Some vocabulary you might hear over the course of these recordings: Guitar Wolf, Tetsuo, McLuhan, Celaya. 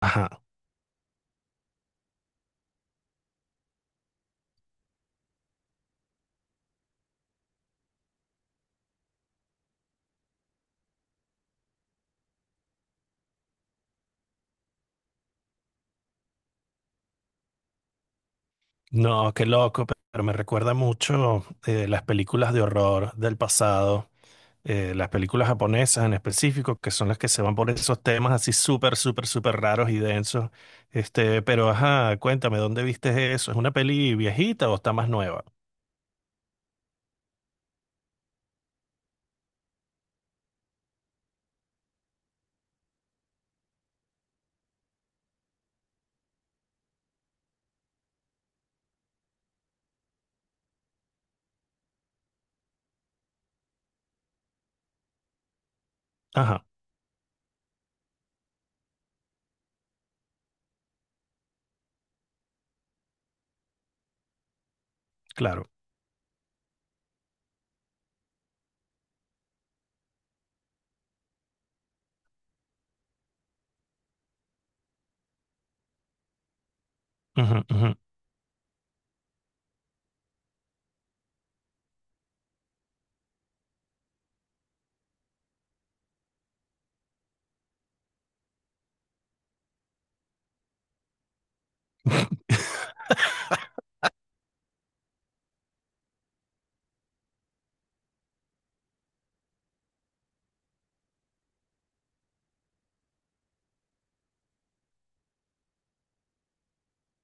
Ajá. No, qué loco, pero me recuerda mucho las películas de horror del pasado, las películas japonesas en específico, que son las que se van por esos temas así súper, súper, súper raros y densos. Este, pero ajá, cuéntame, ¿dónde viste eso? ¿Es una peli viejita o está más nueva? Ajá, claro.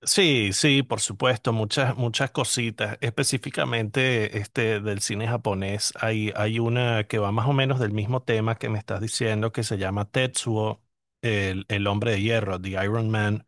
Sí, sí, por supuesto, muchas, muchas cositas. Específicamente este, del cine japonés, hay una que va más o menos del mismo tema que me estás diciendo, que se llama Tetsuo, el hombre de hierro, The Iron Man.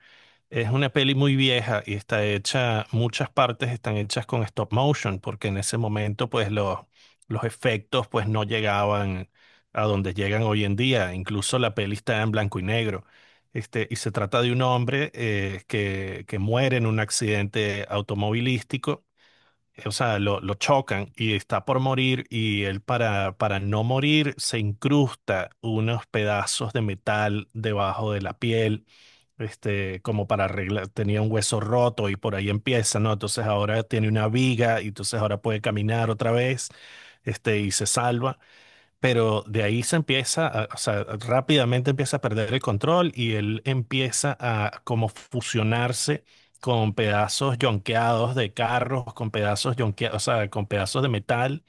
Es una peli muy vieja y está hecha, muchas partes están hechas con stop motion, porque en ese momento pues los efectos pues no llegaban a donde llegan hoy en día. Incluso la peli está en blanco y negro. Este, y se trata de un hombre que muere en un accidente automovilístico o sea, lo chocan y está por morir y él para no morir se incrusta unos pedazos de metal debajo de la piel, este, como para arreglar, tenía un hueso roto y por ahí empieza, ¿no? Entonces ahora tiene una viga y entonces ahora puede caminar otra vez, este, y se salva. Pero de ahí se empieza, o sea, rápidamente empieza a perder el control y él empieza a como fusionarse con pedazos yonqueados de carros, con pedazos yonqueados, o sea, con pedazos de metal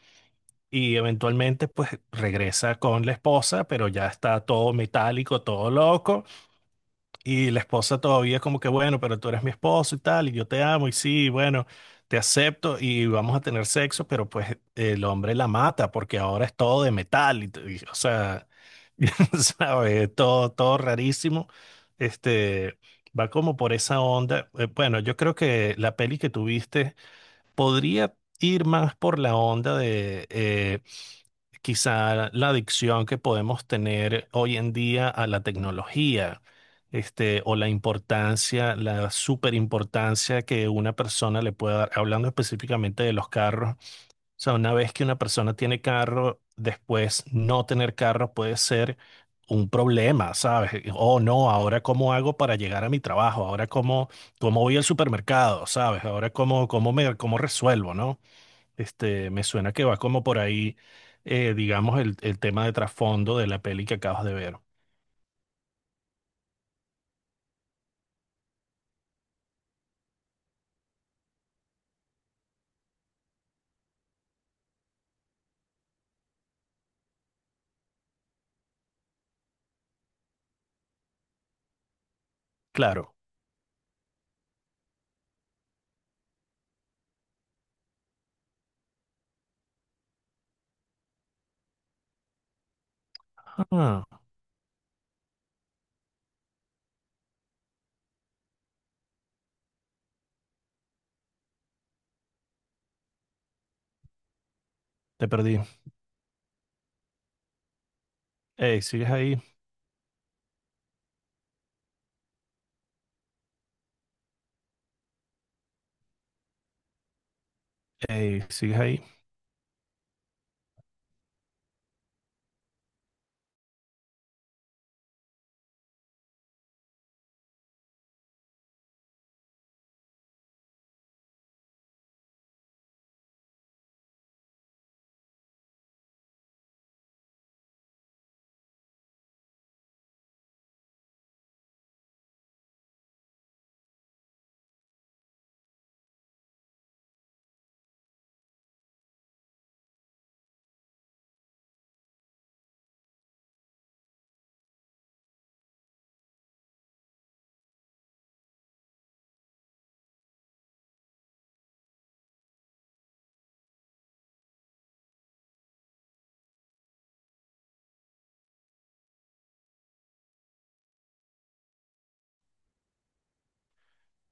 y eventualmente pues regresa con la esposa, pero ya está todo metálico, todo loco y la esposa todavía es como que, bueno, pero tú eres mi esposo y tal, y yo te amo, y sí, bueno, te acepto y vamos a tener sexo, pero pues el hombre la mata porque ahora es todo de metal, o sea, ¿sabes? Todo, todo rarísimo. Este, va como por esa onda. Bueno, yo creo que la peli que tuviste podría ir más por la onda de... quizá la adicción que podemos tener hoy en día a la tecnología, este, o la importancia, la superimportancia que una persona le puede dar, hablando específicamente de los carros. O sea, una vez que una persona tiene carro, después no tener carro puede ser un problema, ¿sabes? Oh, no, ahora cómo hago para llegar a mi trabajo, ahora cómo, cómo voy al supermercado, ¿sabes? Ahora cómo, cómo me, cómo resuelvo, ¿no? Este, me suena que va como por ahí, digamos, el tema de trasfondo de la peli que acabas de ver. Claro. Ah, te perdí. Ey, ¿sigues ahí? Ey, ¿sigues ahí?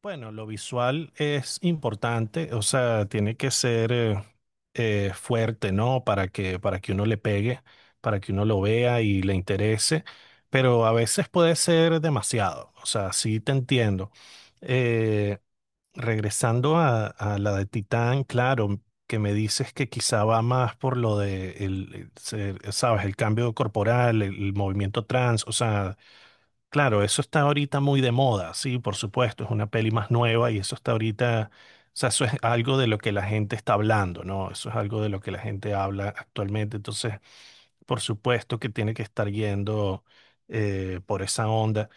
Bueno, lo visual es importante, o sea, tiene que ser fuerte, ¿no? Para que uno le pegue, para que uno lo vea y le interese, pero a veces puede ser demasiado, o sea, sí te entiendo. Eh, Regresando a la de Titán, claro, que me dices que quizá va más por lo de el, sabes, el cambio corporal, el movimiento trans, o sea, claro, eso está ahorita muy de moda, sí, por supuesto, es una peli más nueva y eso está ahorita, o sea, eso es algo de lo que la gente está hablando, ¿no? Eso es algo de lo que la gente habla actualmente, entonces por supuesto que tiene que estar yendo por esa onda.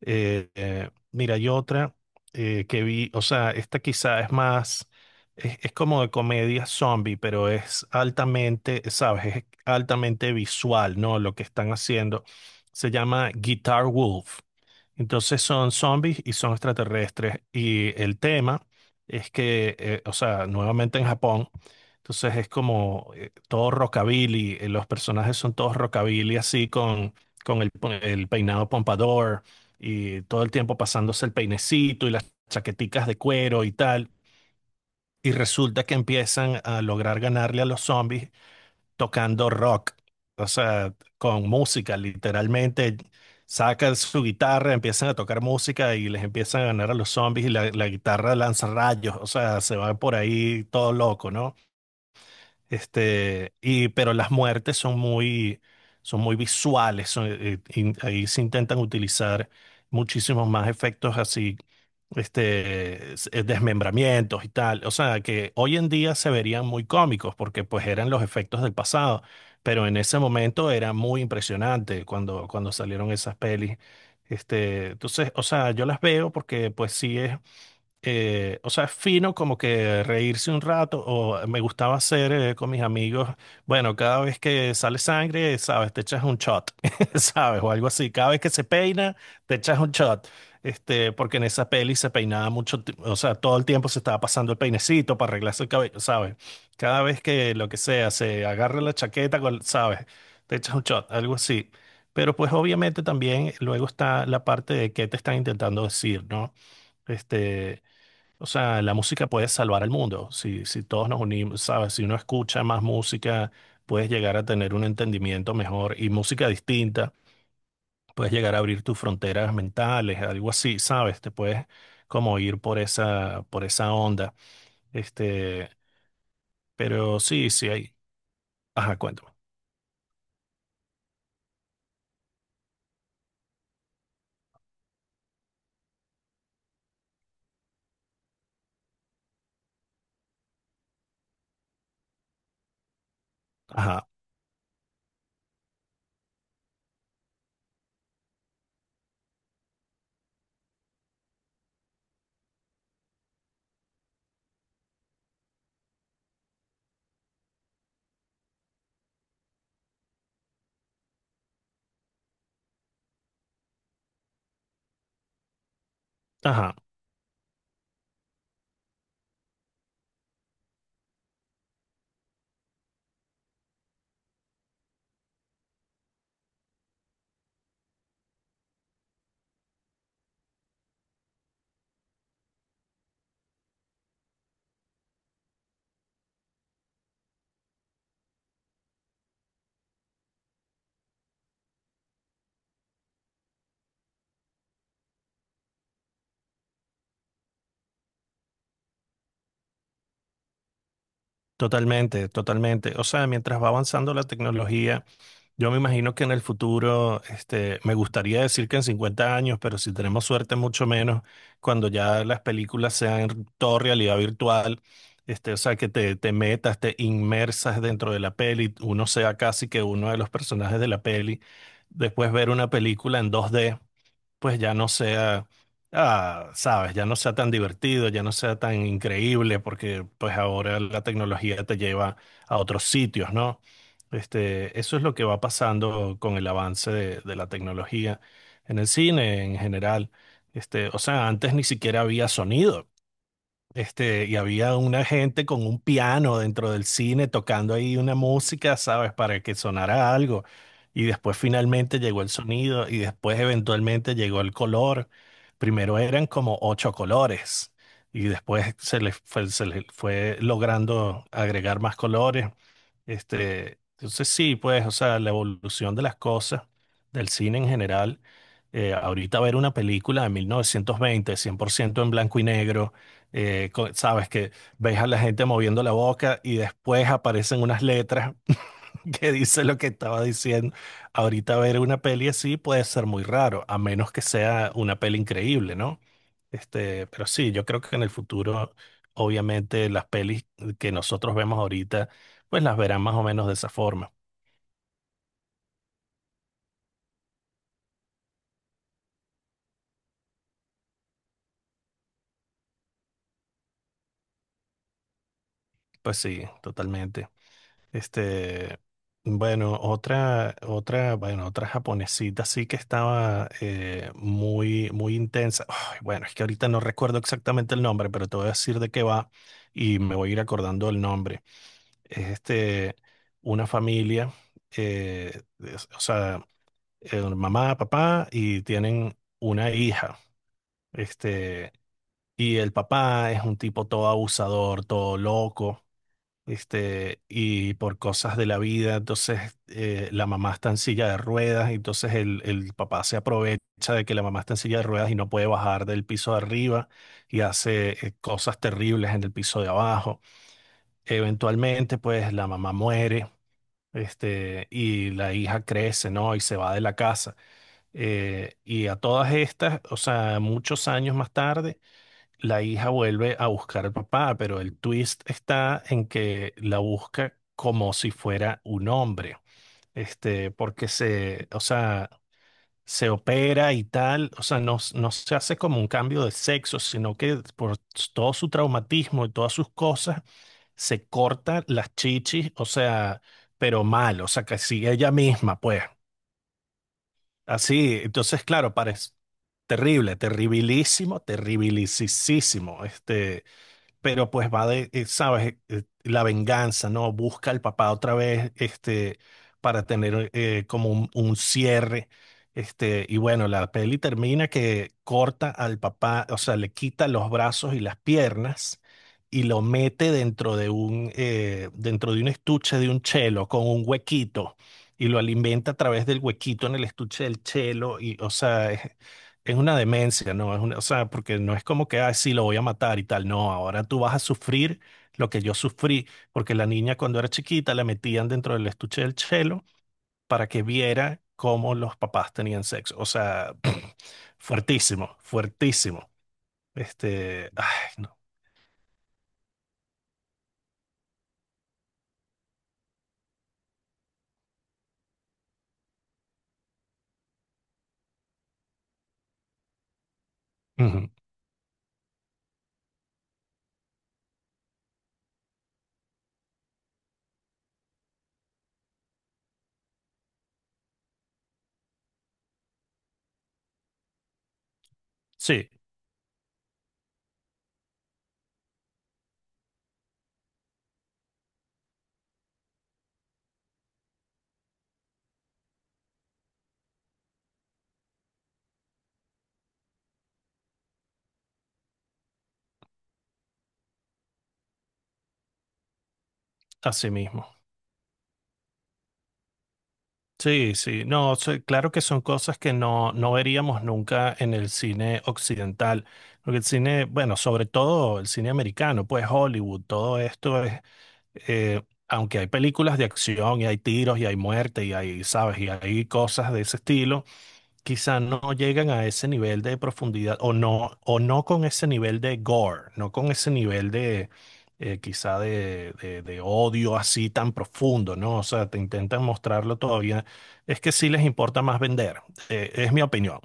Mira, hay otra que vi, o sea, esta quizá es más, es como de comedia zombie, pero es altamente, ¿sabes? Es altamente visual, ¿no? Lo que están haciendo. Se llama Guitar Wolf. Entonces son zombies y son extraterrestres. Y el tema es que, o sea, nuevamente en Japón, entonces es como todo rockabilly, los personajes son todos rockabilly así con el, el peinado pompador y todo el tiempo pasándose el peinecito y las chaqueticas de cuero y tal. Y resulta que empiezan a lograr ganarle a los zombies tocando rock, o sea, con música, literalmente. Sacan su guitarra, empiezan a tocar música y les empiezan a ganar a los zombies y la guitarra lanza rayos, o sea, se van por ahí todo loco, ¿no? Este, y, pero las muertes son muy visuales. Son, ahí se intentan utilizar muchísimos más efectos así, este, desmembramientos y tal. O sea, que hoy en día se verían muy cómicos porque pues eran los efectos del pasado. Pero en ese momento era muy impresionante cuando, cuando salieron esas pelis. Este, entonces, o sea, yo las veo porque pues sí es o sea, es fino como que reírse un rato, o me gustaba hacer con mis amigos, bueno, cada vez que sale sangre, sabes, te echas un shot, sabes, o algo así, cada vez que se peina, te echas un shot, este, porque en esa peli se peinaba mucho, o sea, todo el tiempo se estaba pasando el peinecito para arreglarse el cabello, sabes, cada vez que lo que sea, se agarra la chaqueta, sabes, te echas un shot, algo así. Pero pues obviamente también luego está la parte de qué te están intentando decir, ¿no? Este, o sea, la música puede salvar al mundo. Si, si todos nos unimos, ¿sabes? Si uno escucha más música, puedes llegar a tener un entendimiento mejor y música distinta, puedes llegar a abrir tus fronteras mentales, algo así, ¿sabes? Te puedes como ir por esa onda. Este, pero sí, sí hay. Ajá, cuéntame. Ajá, ajá. Totalmente, totalmente. O sea, mientras va avanzando la tecnología. Yo me imagino que en el futuro, este, me gustaría decir que en 50 años, pero si tenemos suerte, mucho menos, cuando ya las películas sean todo realidad virtual, este, o sea, que te metas, te inmersas dentro de la peli, uno sea casi que uno de los personajes de la peli, después ver una película en 2D pues ya no sea, ah, sabes, ya no sea tan divertido, ya no sea tan increíble, porque pues ahora la tecnología te lleva a otros sitios, ¿no? Este, eso es lo que va pasando con el avance de la tecnología en el cine en general. Este, o sea, antes ni siquiera había sonido. Este, y había una gente con un piano dentro del cine tocando ahí una música, ¿sabes? Para que sonara algo. Y después finalmente llegó el sonido y después eventualmente llegó el color. Primero eran como ocho colores y después se les fue logrando agregar más colores, este, entonces sí, pues, o sea, la evolución de las cosas, del cine en general, ahorita ver una película de 1920 100% en blanco y negro, sabes que ves a la gente moviendo la boca y después aparecen unas letras que dice lo que estaba diciendo. Ahorita ver una peli así puede ser muy raro, a menos que sea una peli increíble, ¿no? Este, pero sí, yo creo que en el futuro, obviamente, las pelis que nosotros vemos ahorita, pues las verán más o menos de esa forma. Pues sí, totalmente. Este, bueno, otra, otra, bueno, otra japonesita sí que estaba muy, muy intensa. Ay, bueno, es que ahorita no recuerdo exactamente el nombre, pero te voy a decir de qué va y me voy a ir acordando el nombre. Es este, una familia, o sea mamá, papá, y tienen una hija. Este, y el papá es un tipo todo abusador, todo loco, este, y por cosas de la vida, entonces la mamá está en silla de ruedas, y entonces el papá se aprovecha de que la mamá está en silla de ruedas y no puede bajar del piso de arriba y hace cosas terribles en el piso de abajo. Eventualmente, pues la mamá muere. Este, y la hija crece, ¿no? Y se va de la casa. Y a todas estas, o sea, muchos años más tarde, la hija vuelve a buscar al papá, pero el twist está en que la busca como si fuera un hombre, este, porque se, o sea, se opera y tal, o sea, no, no se hace como un cambio de sexo, sino que por todo su traumatismo y todas sus cosas, se corta las chichis, o sea, pero mal, o sea, que sigue ella misma, pues. Así, entonces, claro, parece terrible, terribilísimo, terribilisísimo, este, pero pues va de, sabes, eh, la venganza, ¿no? Busca al papá otra vez, este, para tener como un cierre, este, y bueno, la peli termina que corta al papá, o sea, le quita los brazos y las piernas y lo mete dentro de un estuche de un chelo con un huequito. Y lo alimenta a través del huequito en el estuche del chelo. Es una demencia, ¿no? Es una, o sea, porque no es como que, ah, sí, lo voy a matar y tal. No, ahora tú vas a sufrir lo que yo sufrí, porque la niña cuando era chiquita la metían dentro del estuche del chelo para que viera cómo los papás tenían sexo. O sea, fuertísimo, fuertísimo. Este, ay, no. Ujú. Sí, así mismo. Sí, sí, no, sí, claro que son cosas que no, no veríamos nunca en el cine occidental, porque el cine, bueno, sobre todo el cine americano, pues Hollywood, todo esto es, eh, aunque hay películas de acción y hay tiros y hay muerte y hay, sabes, y hay cosas de ese estilo, quizá no llegan a ese nivel de profundidad o no con ese nivel de gore, no con ese nivel de quizá de, de odio así tan profundo, ¿no? O sea, te intentan mostrarlo todavía. Es que sí les importa más vender, es mi opinión.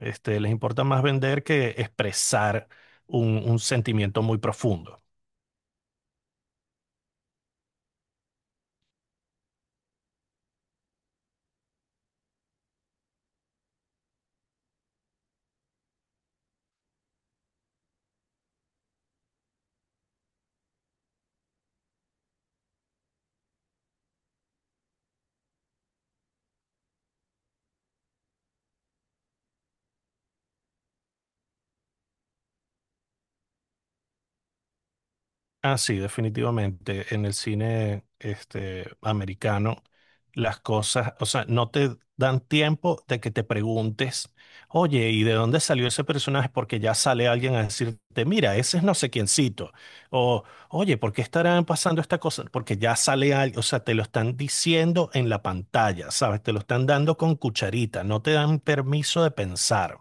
Este, les importa más vender que expresar un sentimiento muy profundo. Ah, sí, definitivamente. En el cine este, americano, las cosas, o sea, no te dan tiempo de que te preguntes, oye, ¿y de dónde salió ese personaje? Porque ya sale alguien a decirte, mira, ese es no sé quiéncito. O, oye, ¿por qué estarán pasando esta cosa? Porque ya sale alguien, o sea, te lo están diciendo en la pantalla, ¿sabes? Te lo están dando con cucharita, no te dan permiso de pensar.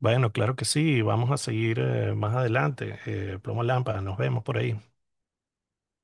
Bueno, claro que sí, vamos a seguir más adelante. Plomo Lámpara, nos vemos por ahí.